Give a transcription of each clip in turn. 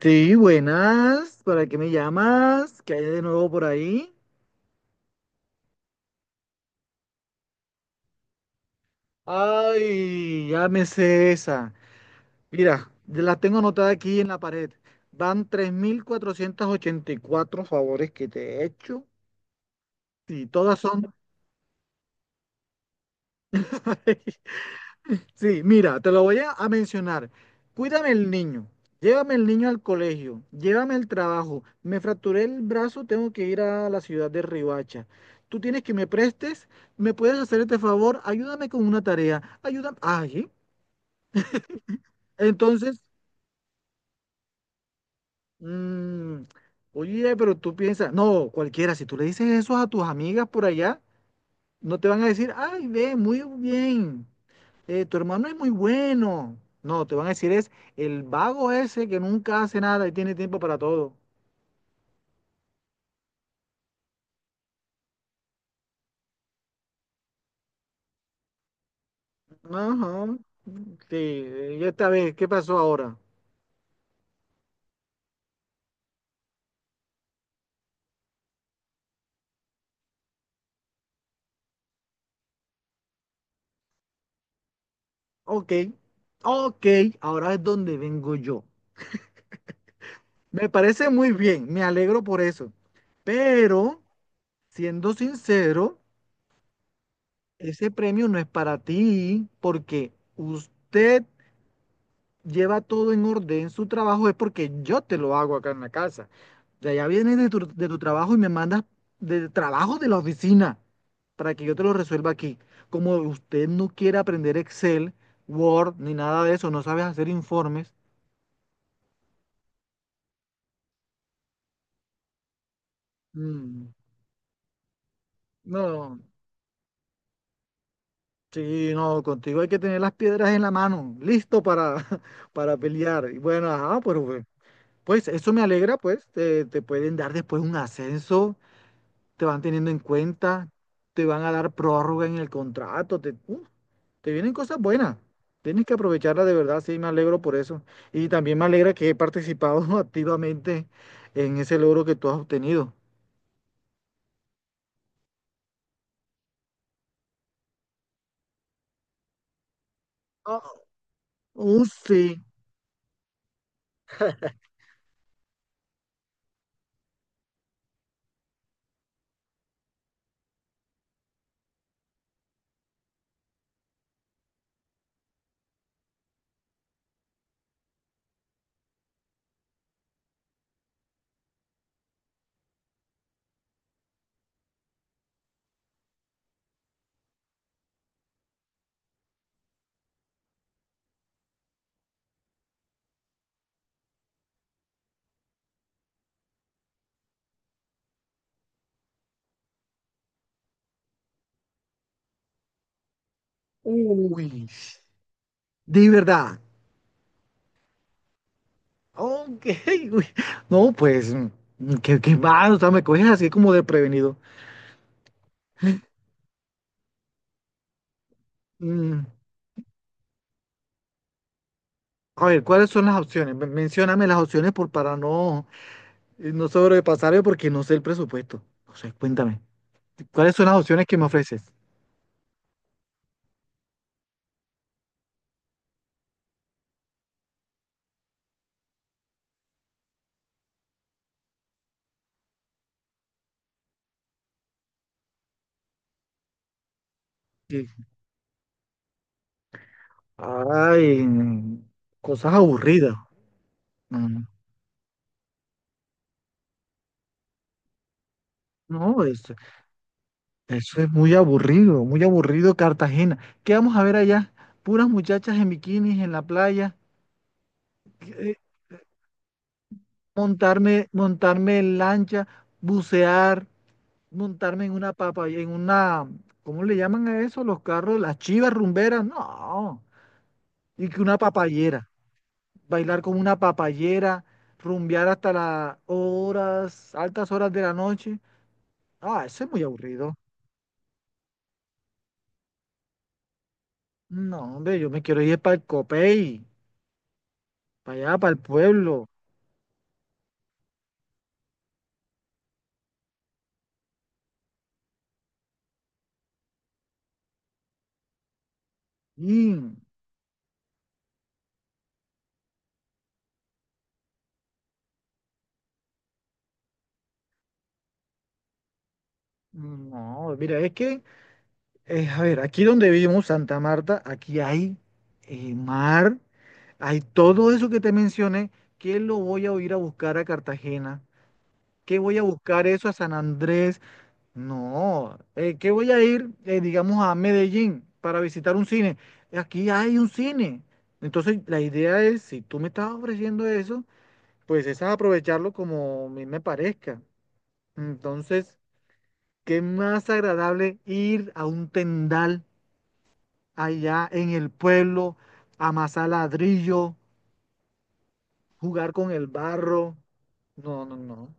Sí, buenas. ¿Para qué me llamas? ¿Qué hay de nuevo por ahí? Ay, ya me sé esa. Mira, la tengo anotada aquí en la pared. Van 3.484 favores que te he hecho y todas son Sí, mira, te lo voy a mencionar. Cuídame el niño, llévame el niño al colegio, llévame al trabajo. Me fracturé el brazo, tengo que ir a la ciudad de Ribacha. Tú tienes que me prestes, me puedes hacer este favor, ayúdame con una tarea, ayúdame. Ay, entonces, mm, oye, pero tú piensas, no, cualquiera, si tú le dices eso a tus amigas por allá, no te van a decir, ay, ve, muy bien. Tu hermano es muy bueno. No, te van a decir es el vago ese que nunca hace nada y tiene tiempo para todo. Ajá. Sí, y esta vez, ¿qué pasó ahora? Ok, ok, ahora es donde vengo yo. Me parece muy bien, me alegro por eso. Pero, siendo sincero, ese premio no es para ti porque usted lleva todo en orden, su trabajo es porque yo te lo hago acá en la casa. O sea, ya vienes de tu trabajo y me mandas del trabajo de la oficina para que yo te lo resuelva aquí. Como usted no quiere aprender Excel, Word, ni nada de eso, no sabes hacer informes. Mm, no, sí, no, contigo hay que tener las piedras en la mano, listo para, para pelear. Y bueno, ajá, pero pues eso me alegra, pues te pueden dar después un ascenso, te van teniendo en cuenta, te van a dar prórroga en el contrato, te vienen cosas buenas. Tienes que aprovecharla de verdad, sí, me alegro por eso. Y también me alegra que he participado activamente en ese logro que tú has obtenido. Ah, oh, sí. Uy, de verdad. Ok, uy. No, pues, qué mal, o sea, me coges así como desprevenido. Mm, a ver, ¿cuáles son las opciones? Mencióname las opciones por, para no No sobrepasaré porque no sé el presupuesto. No sé, cuéntame. ¿Cuáles son las opciones que me ofreces? Sí. Ay, cosas aburridas. Mm, no, eso es muy aburrido Cartagena. ¿Qué vamos a ver allá? Puras muchachas en bikinis en la playa, eh, montarme en lancha, bucear, montarme en una papa, en una, ¿cómo le llaman a eso? Los carros, las chivas rumberas. No, y que una papayera. Bailar como una papayera, rumbear hasta las horas, altas horas de la noche. Ah, eso es muy aburrido. No, hombre, yo me quiero ir para el Copey, para allá, para el pueblo. Y, no, mira, es que, a ver, aquí donde vivimos, Santa Marta, aquí hay mar, hay todo eso que te mencioné. ¿Qué lo voy a ir a buscar a Cartagena? ¿Qué voy a buscar eso a San Andrés? No, que voy a ir, digamos, a Medellín para visitar un cine. Aquí hay un cine. Entonces, la idea es, si tú me estás ofreciendo eso, pues es aprovecharlo como a mí me parezca. Entonces, qué más agradable ir a un tendal allá en el pueblo, amasar ladrillo, jugar con el barro. No, no, no.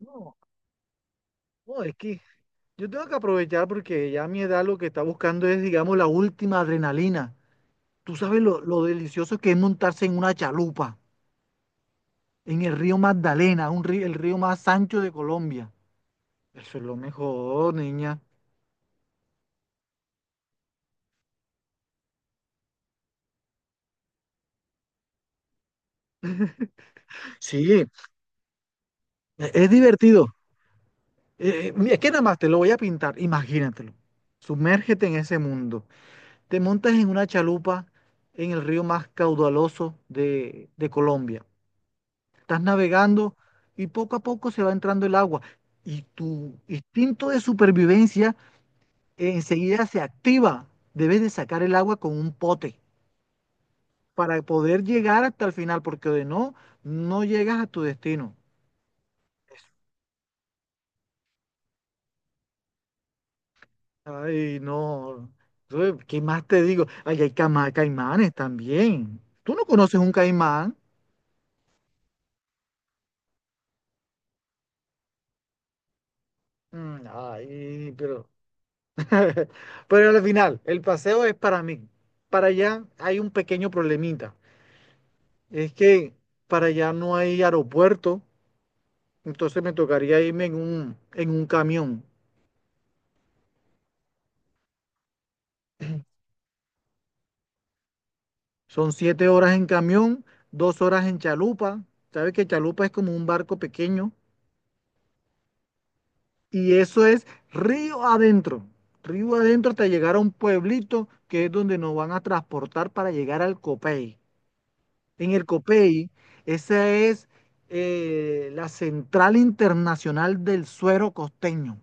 No, no, es que yo tengo que aprovechar porque ya a mi edad lo que está buscando es, digamos, la última adrenalina. Tú sabes lo delicioso que es montarse en una chalupa, en el río Magdalena, un río, el río más ancho de Colombia. Eso es lo mejor, niña. Sí, es divertido. Mira, es que nada más te lo voy a pintar, imagínatelo. Sumérgete en ese mundo. Te montas en una chalupa en el río más caudaloso de Colombia. Estás navegando y poco a poco se va entrando el agua. Y tu instinto de supervivencia enseguida se activa. Debes de sacar el agua con un pote para poder llegar hasta el final, porque de no, no llegas a tu destino. Ay, no. Uy, ¿qué más te digo? Ay, hay caimanes también. ¿Tú no conoces un caimán? Mm, ay, pero pero al final, el paseo es para mí. Para allá hay un pequeño problemita. Es que para allá no hay aeropuerto, entonces me tocaría irme en un camión. Son 7 horas en camión, 2 horas en chalupa. ¿Sabes que chalupa es como un barco pequeño? Y eso es río adentro. Río adentro hasta llegar a un pueblito que es donde nos van a transportar para llegar al Copey. En el Copey, esa es la central internacional del suero costeño.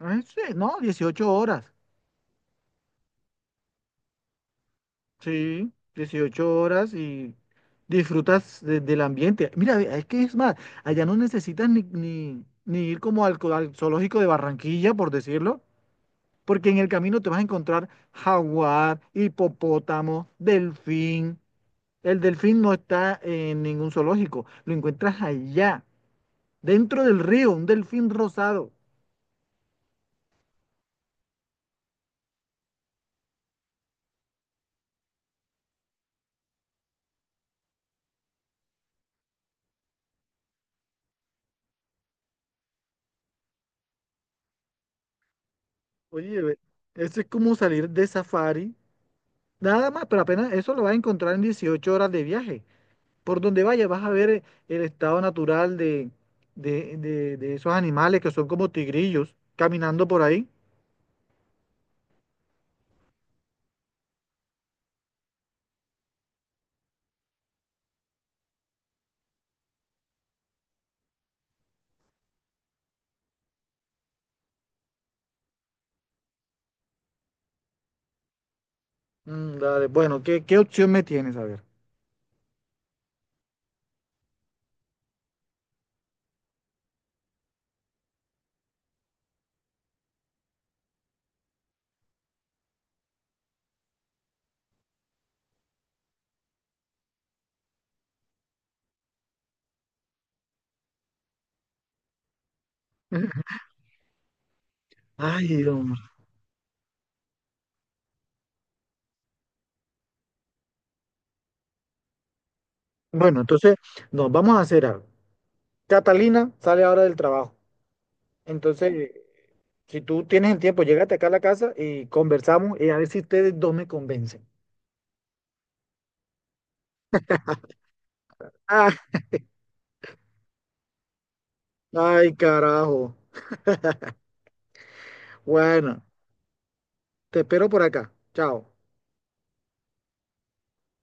Ah, sí, no, 18 horas. Sí, 18 horas y disfrutas del ambiente. Mira, ve, es que es más, allá no necesitas ni ir como al zoológico de Barranquilla, por decirlo, porque en el camino te vas a encontrar jaguar, hipopótamo, delfín. El delfín no está en ningún zoológico, lo encuentras allá, dentro del río, un delfín rosado. Oye, ve, eso es como salir de safari, nada más, pero apenas eso lo vas a encontrar en 18 horas de viaje. Por donde vaya vas a ver el estado natural de esos animales que son como tigrillos caminando por ahí. Mm, dale, bueno, ¿qué opción me tienes? A ver. Ay, hombre. Bueno, entonces nos vamos a hacer algo. Catalina sale ahora del trabajo. Entonces, si tú tienes el tiempo, llégate acá a la casa y conversamos y a ver si ustedes dos me convencen. Ah, ay, carajo. Bueno, te espero por acá. Chao.